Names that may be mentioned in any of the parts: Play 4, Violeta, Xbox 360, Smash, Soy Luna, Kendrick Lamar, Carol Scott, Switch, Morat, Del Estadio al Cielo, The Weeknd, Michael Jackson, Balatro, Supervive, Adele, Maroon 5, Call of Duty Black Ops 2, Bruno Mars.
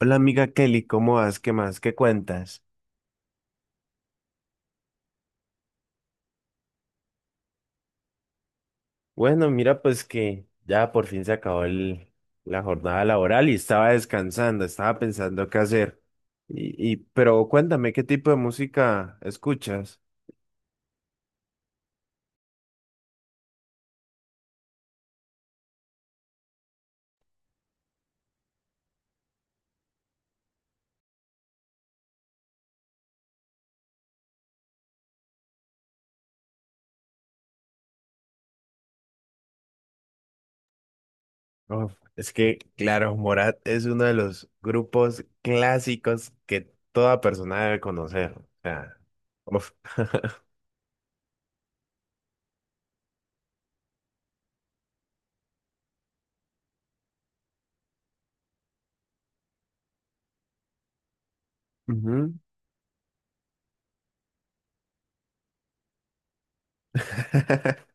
Hola amiga Kelly, ¿cómo vas? ¿Qué más? ¿Qué cuentas? Bueno, mira, pues que ya por fin se acabó la jornada laboral y estaba descansando, estaba pensando qué hacer. Pero cuéntame, ¿qué tipo de música escuchas? Uf, es que, claro, Morat es uno de los grupos clásicos que toda persona debe conocer. O sea, uf. Ujú.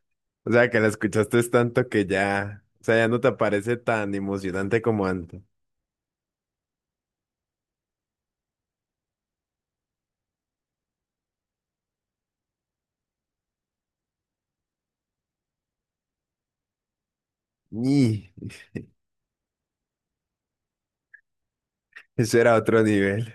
O sea, que la escuchaste es tanto que ya, o sea, ya no te parece tan emocionante como antes. Y eso era otro nivel.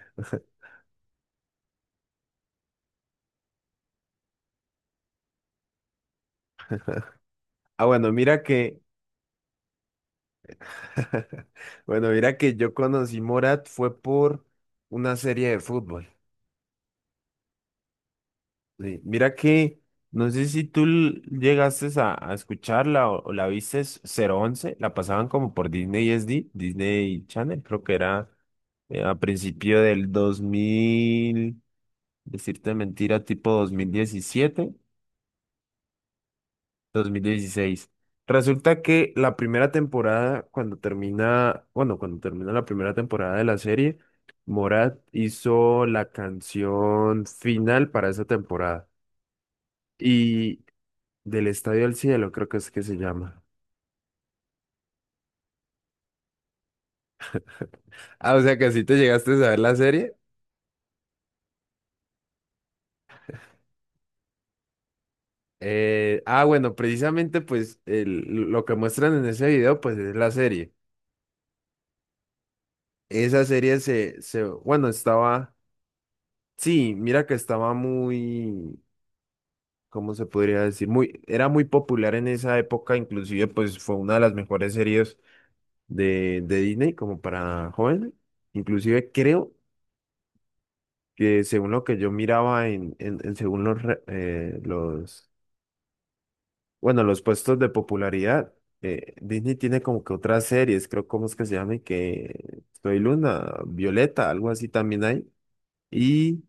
Ah, bueno, mira que, bueno, mira que yo conocí Morat fue por una serie de fútbol. Sí, mira que, no sé si tú llegaste a escucharla o la viste es cero once, la pasaban como por Disney SD, Disney Channel, creo que era a principio del 2000, decirte mentira, tipo 2017, 2016. Resulta que la primera temporada, cuando termina, bueno, cuando termina la primera temporada de la serie, Morat hizo la canción final para esa temporada. Y Del Estadio al Cielo, creo que es que se llama. Ah, o sea que así te llegaste a ver la serie. Ah, bueno, precisamente pues lo que muestran en ese video pues es la serie. Esa serie bueno, estaba, sí, mira que estaba muy, ¿cómo se podría decir? Muy, era muy popular en esa época, inclusive pues fue una de las mejores series de Disney como para jóvenes. Inclusive creo que según lo que yo miraba en según los, los, bueno, los puestos de popularidad, Disney tiene como que otras series, creo, ¿cómo es que se llama? Que Soy Luna, Violeta, algo así también hay. Y...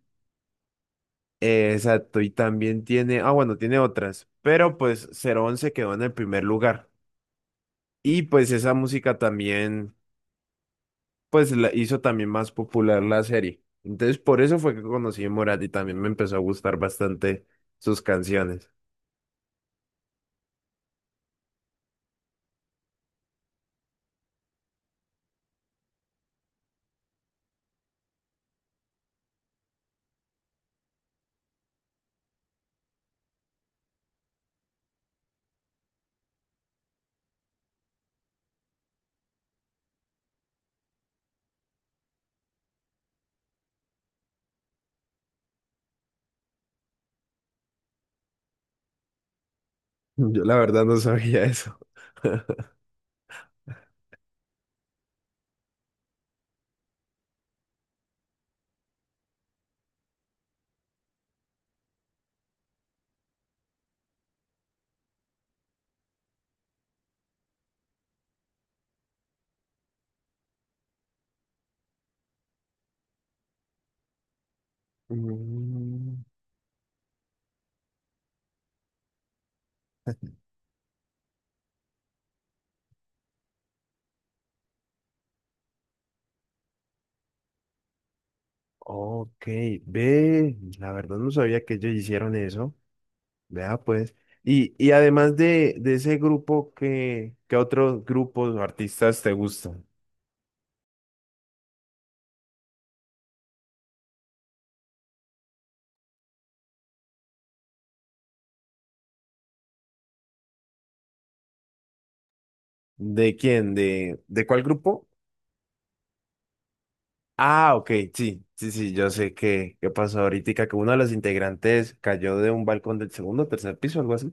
Exacto, y también tiene, ah, bueno, tiene otras, pero pues cero once quedó en el primer lugar. Y pues esa música también, pues la hizo también más popular la serie. Entonces por eso fue que conocí a Morat y también me empezó a gustar bastante sus canciones. Yo la verdad no sabía eso. Mm, ok, ve, la verdad no sabía que ellos hicieron eso. Vea pues. Y además de ese grupo, ¿Qué otros grupos o artistas te gustan? ¿De quién? ¿De cuál grupo? Ah, ok, sí, sí, sí, yo sé que, qué pasó ahorita, que uno de los integrantes cayó de un balcón del segundo o tercer piso, algo así.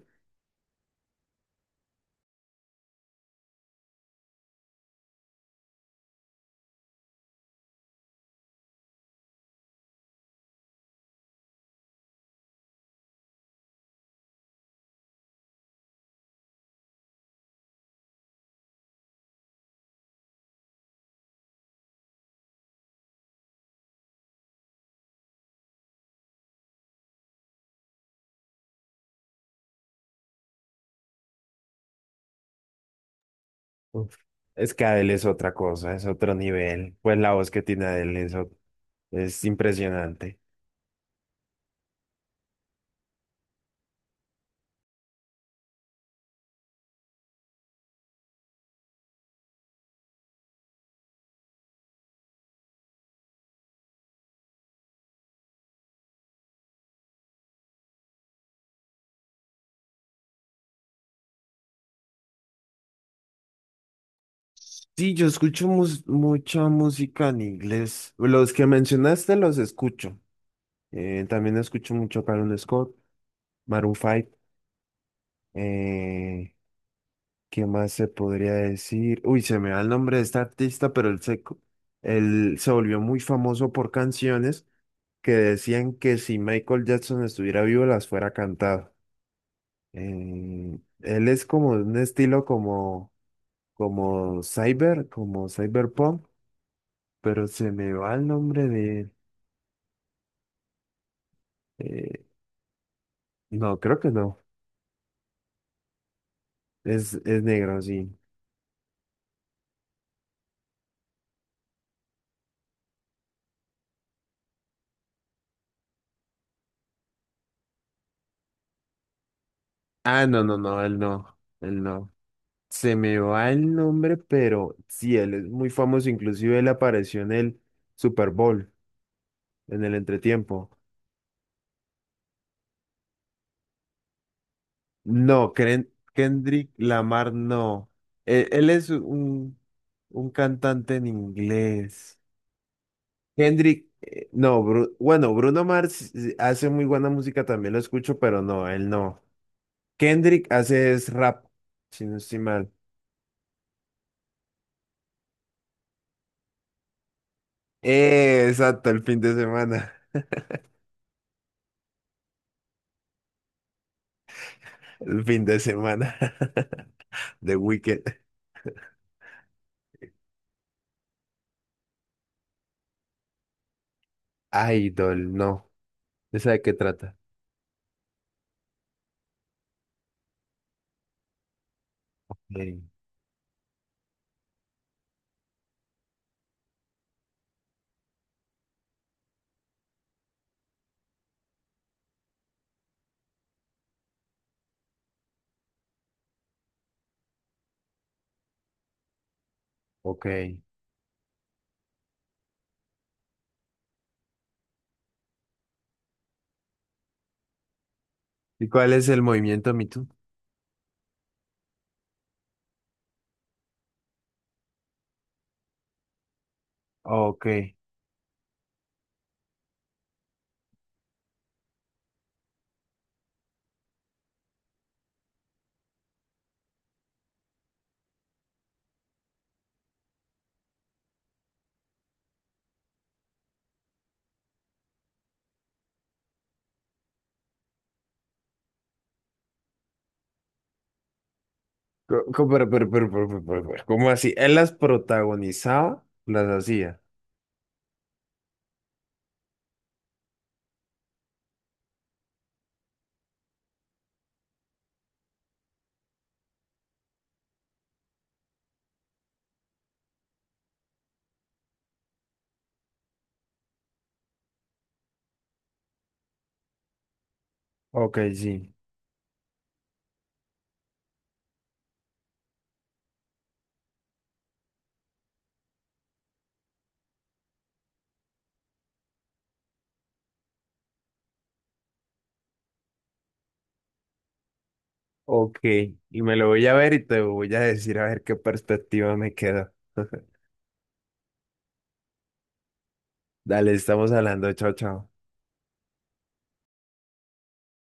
Uf, es que Adele es otra cosa, es otro nivel. Pues la voz que tiene Adele es impresionante. Sí, yo escucho mucha música en inglés. Los que mencionaste los escucho. También escucho mucho Carol Scott, Maroon 5. ¿Qué más se podría decir? Uy, se me da el nombre de este artista, pero él se volvió muy famoso por canciones que decían que si Michael Jackson estuviera vivo las fuera cantado. Él es como de un estilo como, como cyber, como cyberpunk, pero se me va el nombre de... él. eh, no, creo que no. Es negro, sí. Ah, no, no, no, él no, él no. Se me va el nombre, pero sí, él es muy famoso. Inclusive él apareció en el Super Bowl, en el entretiempo. No, Kendrick Lamar no. Él es un cantante en inglés. Kendrick, no, bueno, Bruno Mars hace muy buena música, también lo escucho, pero no, él no. Kendrick hace es rap, si no estoy mal. Exacto, el fin de semana. El fin de semana. The Weeknd. Idol, no. ¿Esa de qué trata? Sí. Ok. ¿Y cuál es el movimiento Me Too? Ok. Pero, ¿cómo así? ¿Él las protagonizaba? ¿Las hacía? Ok, sí. Ok. Y me lo voy a ver y te voy a decir a ver qué perspectiva me queda. Dale, estamos hablando. Chao, chao.